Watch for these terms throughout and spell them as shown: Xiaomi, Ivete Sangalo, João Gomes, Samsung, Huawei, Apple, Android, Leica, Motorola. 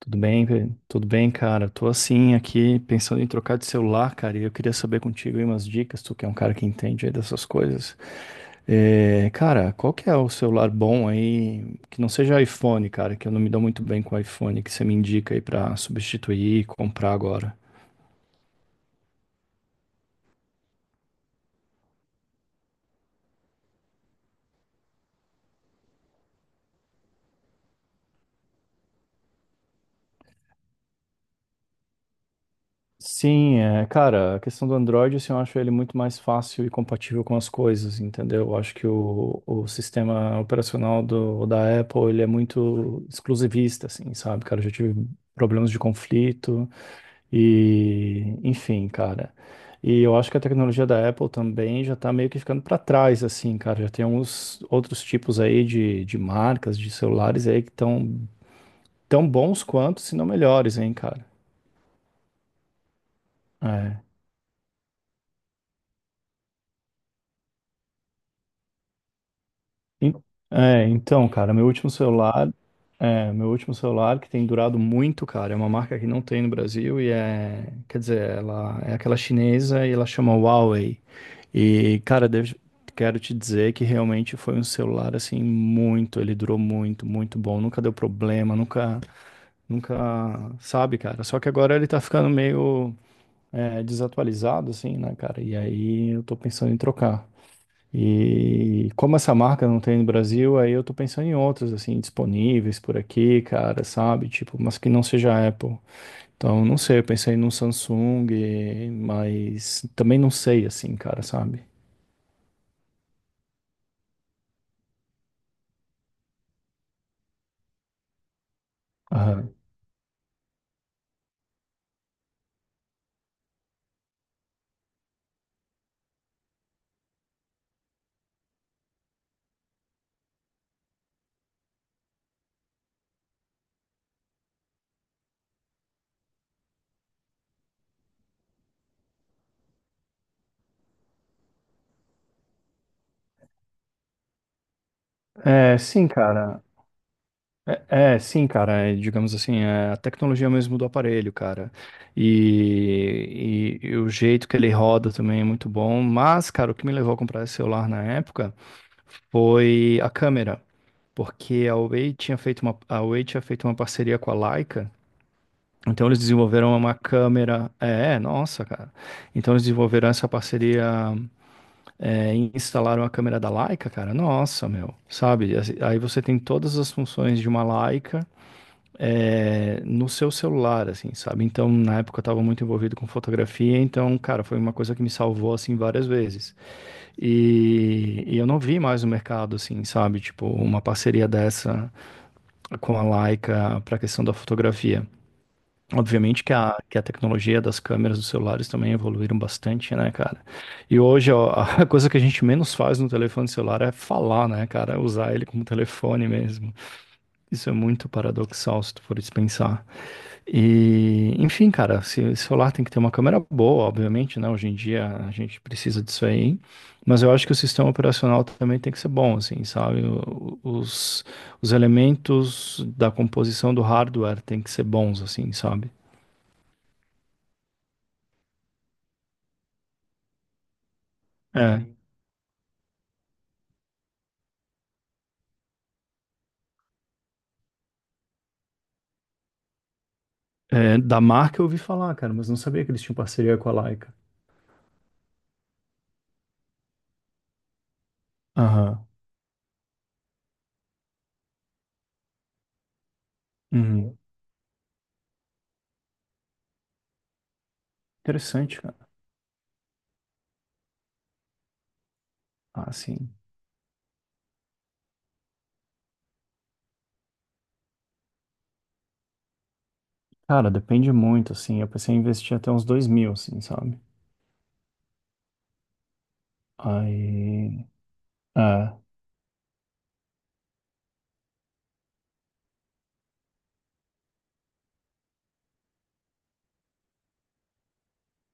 Tudo bem, tudo bem, cara. Tô assim aqui pensando em trocar de celular, cara, e eu queria saber contigo aí umas dicas, tu que é um cara que entende aí dessas coisas. É, cara, qual que é o celular bom aí, que não seja iPhone, cara, que eu não me dou muito bem com iPhone, que você me indica aí pra substituir e comprar agora? Sim, é, cara, a questão do Android, assim, eu acho ele muito mais fácil e compatível com as coisas, entendeu? Eu acho que o sistema operacional do, da Apple, ele é muito exclusivista, assim, sabe, cara? Eu já tive problemas de conflito e, enfim, cara. E eu acho que a tecnologia da Apple também já tá meio que ficando para trás, assim, cara. Já tem alguns outros tipos aí de marcas, de celulares aí que estão tão bons quanto, se não melhores, hein, cara. É. En- É, então, cara, meu último celular, é, meu último celular que tem durado muito, cara, é uma marca que não tem no Brasil e é, quer dizer, ela é aquela chinesa e ela chama Huawei. E, cara, quero te dizer que realmente foi um celular assim muito, ele durou muito, muito bom, nunca deu problema, nunca, nunca, sabe, cara. Só que agora ele tá ficando meio é, desatualizado, assim, né, cara? E aí eu tô pensando em trocar. E como essa marca não tem no Brasil, aí eu tô pensando em outras, assim, disponíveis por aqui, cara, sabe? Tipo, mas que não seja a Apple. Então, não sei, eu pensei num Samsung, mas também não sei, assim, cara, sabe? Aham. É, sim, cara. É, é, sim, cara, é, digamos assim, é a tecnologia mesmo do aparelho, cara. E, e o jeito que ele roda também é muito bom. Mas, cara, o que me levou a comprar esse celular na época foi a câmera. Porque a Huawei tinha feito uma parceria com a Leica. Então eles desenvolveram uma câmera. É, nossa, cara. Então eles desenvolveram essa parceria é, e instalaram a câmera da Leica, cara. Nossa, meu. Sabe? Assim, aí você tem todas as funções de uma Leica é, no seu celular, assim, sabe? Então na época eu tava muito envolvido com fotografia, então, cara, foi uma coisa que me salvou, assim, várias vezes. E eu não vi mais no mercado, assim, sabe? Tipo, uma parceria dessa com a Leica para a questão da fotografia. Obviamente que a tecnologia das câmeras dos celulares também evoluíram bastante, né, cara? E hoje, ó, a coisa que a gente menos faz no telefone celular é falar, né, cara? Usar ele como telefone mesmo. Isso é muito paradoxal se tu for dispensar. E, enfim, cara, se celular tem que ter uma câmera boa, obviamente, né? Hoje em dia a gente precisa disso aí, mas eu acho que o sistema operacional também tem que ser bom, assim, sabe? Os elementos da composição do hardware tem que ser bons, assim, sabe? É, é, da marca eu ouvi falar, cara, mas não sabia que eles tinham parceria com a Leica. Aham. Uhum. Interessante, cara. Ah, sim. Cara, depende muito, assim. Eu pensei em investir até uns 2.000, assim, sabe? Aí. É.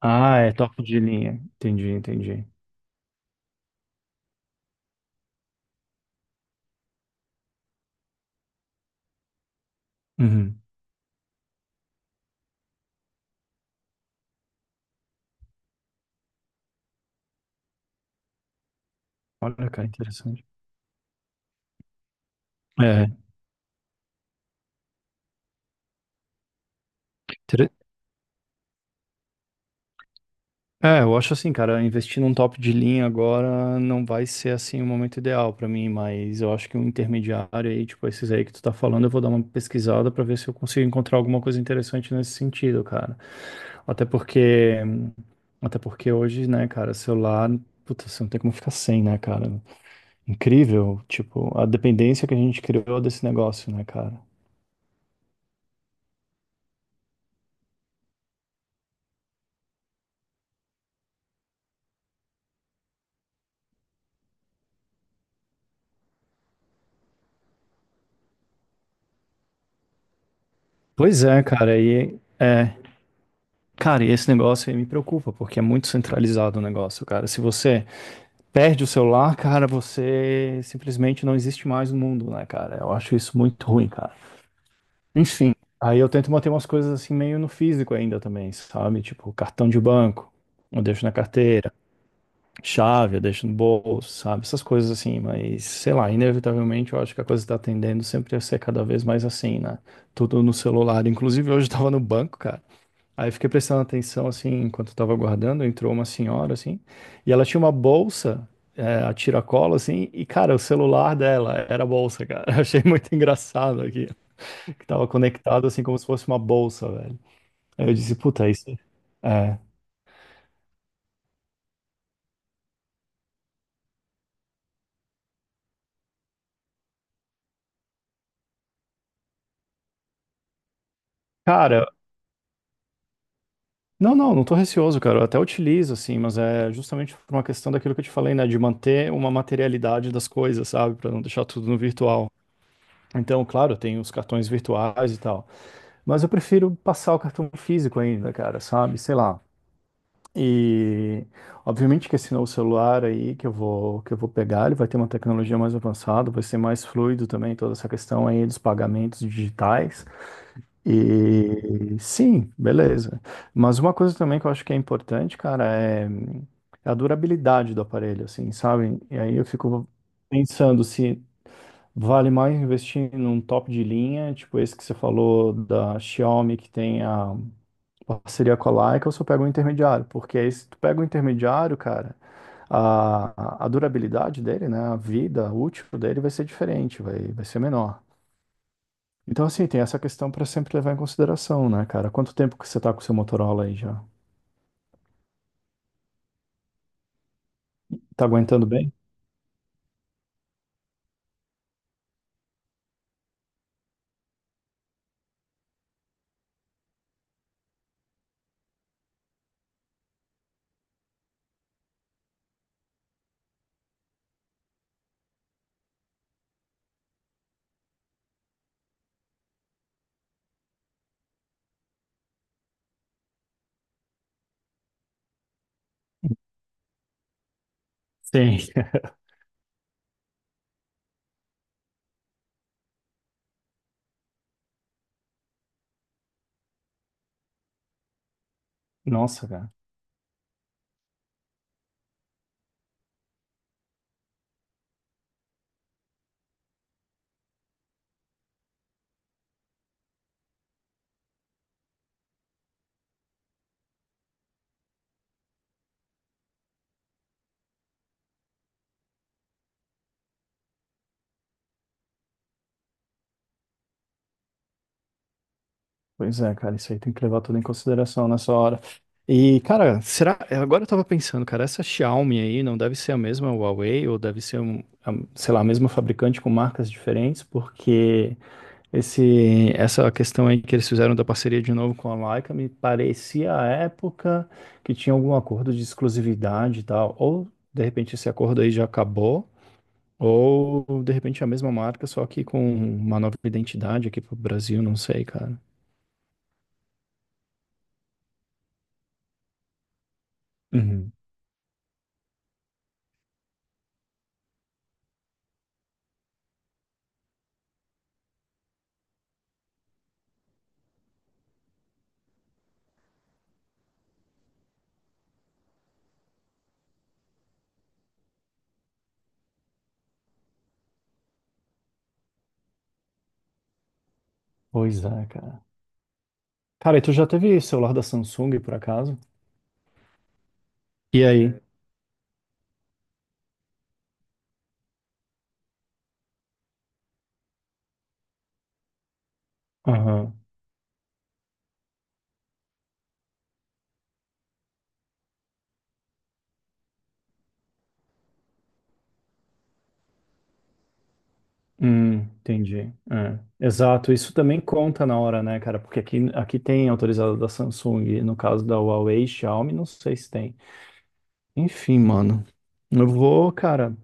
Ah, é topo de linha. Entendi, entendi. Uhum. Olha, cara, interessante. É, intere- é, eu acho assim, cara, investir num top de linha agora não vai ser assim o momento ideal pra mim, mas eu acho que um intermediário aí, tipo esses aí que tu tá falando, eu vou dar uma pesquisada pra ver se eu consigo encontrar alguma coisa interessante nesse sentido, cara. Até porque, até porque hoje, né, cara, celular, puta, você não tem como ficar sem, né, cara? Incrível, tipo, a dependência que a gente criou desse negócio, né, cara? Pois é, cara, e esse negócio aí me preocupa, porque é muito centralizado o negócio, cara. Se você perde o celular, cara, você simplesmente não existe mais no mundo, né, cara? Eu acho isso muito ruim, cara. Enfim, aí eu tento manter umas coisas assim meio no físico ainda também, sabe? Tipo, cartão de banco, eu deixo na carteira, chave, eu deixo no bolso, sabe? Essas coisas assim, mas sei lá, inevitavelmente eu acho que a coisa tá tendendo sempre a ser cada vez mais assim, né? Tudo no celular. Inclusive, hoje eu tava no banco, cara. Aí eu fiquei prestando atenção, assim, enquanto eu tava aguardando, entrou uma senhora, assim, e ela tinha uma bolsa, é, a tiracolo, assim, e, cara, o celular dela era a bolsa, cara. Eu achei muito engraçado aqui, que tava conectado, assim, como se fosse uma bolsa, velho. Aí eu disse, puta, isso é... É. Cara, não, não, não tô receoso, cara, eu até utilizo, assim, mas é justamente por uma questão daquilo que eu te falei, né, de manter uma materialidade das coisas, sabe, pra não deixar tudo no virtual. Então, claro, tem os cartões virtuais e tal. Mas eu prefiro passar o cartão físico ainda, cara, sabe? Sei lá. E obviamente que esse novo celular aí que eu vou pegar, ele vai ter uma tecnologia mais avançada, vai ser mais fluido também toda essa questão aí dos pagamentos digitais. E sim, beleza. Mas uma coisa também que eu acho que é importante, cara, é a durabilidade do aparelho, assim, sabe? E aí eu fico pensando se vale mais investir num top de linha, tipo esse que você falou da Xiaomi, que tem a, parceria com a Leica ou se eu pego um intermediário, porque aí se tu pega um intermediário, cara, a durabilidade dele, né, a vida útil dele vai ser diferente, vai ser menor. Então, assim, tem essa questão para sempre levar em consideração, né, cara? Quanto tempo que você tá com o seu Motorola aí já? Tá aguentando bem? Sim. Nossa, cara. Pois é, cara, isso aí tem que levar tudo em consideração nessa hora. E, cara, será? Agora eu tava pensando, cara, essa Xiaomi aí não deve ser a mesma Huawei ou deve ser, um, sei lá, a mesma fabricante com marcas diferentes, porque esse, essa questão aí que eles fizeram da parceria de novo com a Leica me parecia à época que tinha algum acordo de exclusividade e tal, ou de repente esse acordo aí já acabou. Ou de repente é a mesma marca, só que com uma nova identidade aqui pro Brasil, não sei, cara. Pois é, cara. Cara, e tu já teve celular da Samsung, por acaso? E aí? Aham. Entendi. É. Exato, isso também conta na hora, né, cara? Porque aqui, aqui tem autorizado da Samsung, no caso da Huawei, Xiaomi, não sei se tem. Enfim, mano. Eu vou, cara.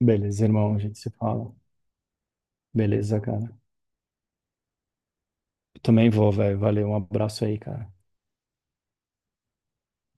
Beleza, irmão, a gente se fala. Beleza, cara. Eu também vou, velho. Valeu, um abraço aí, cara.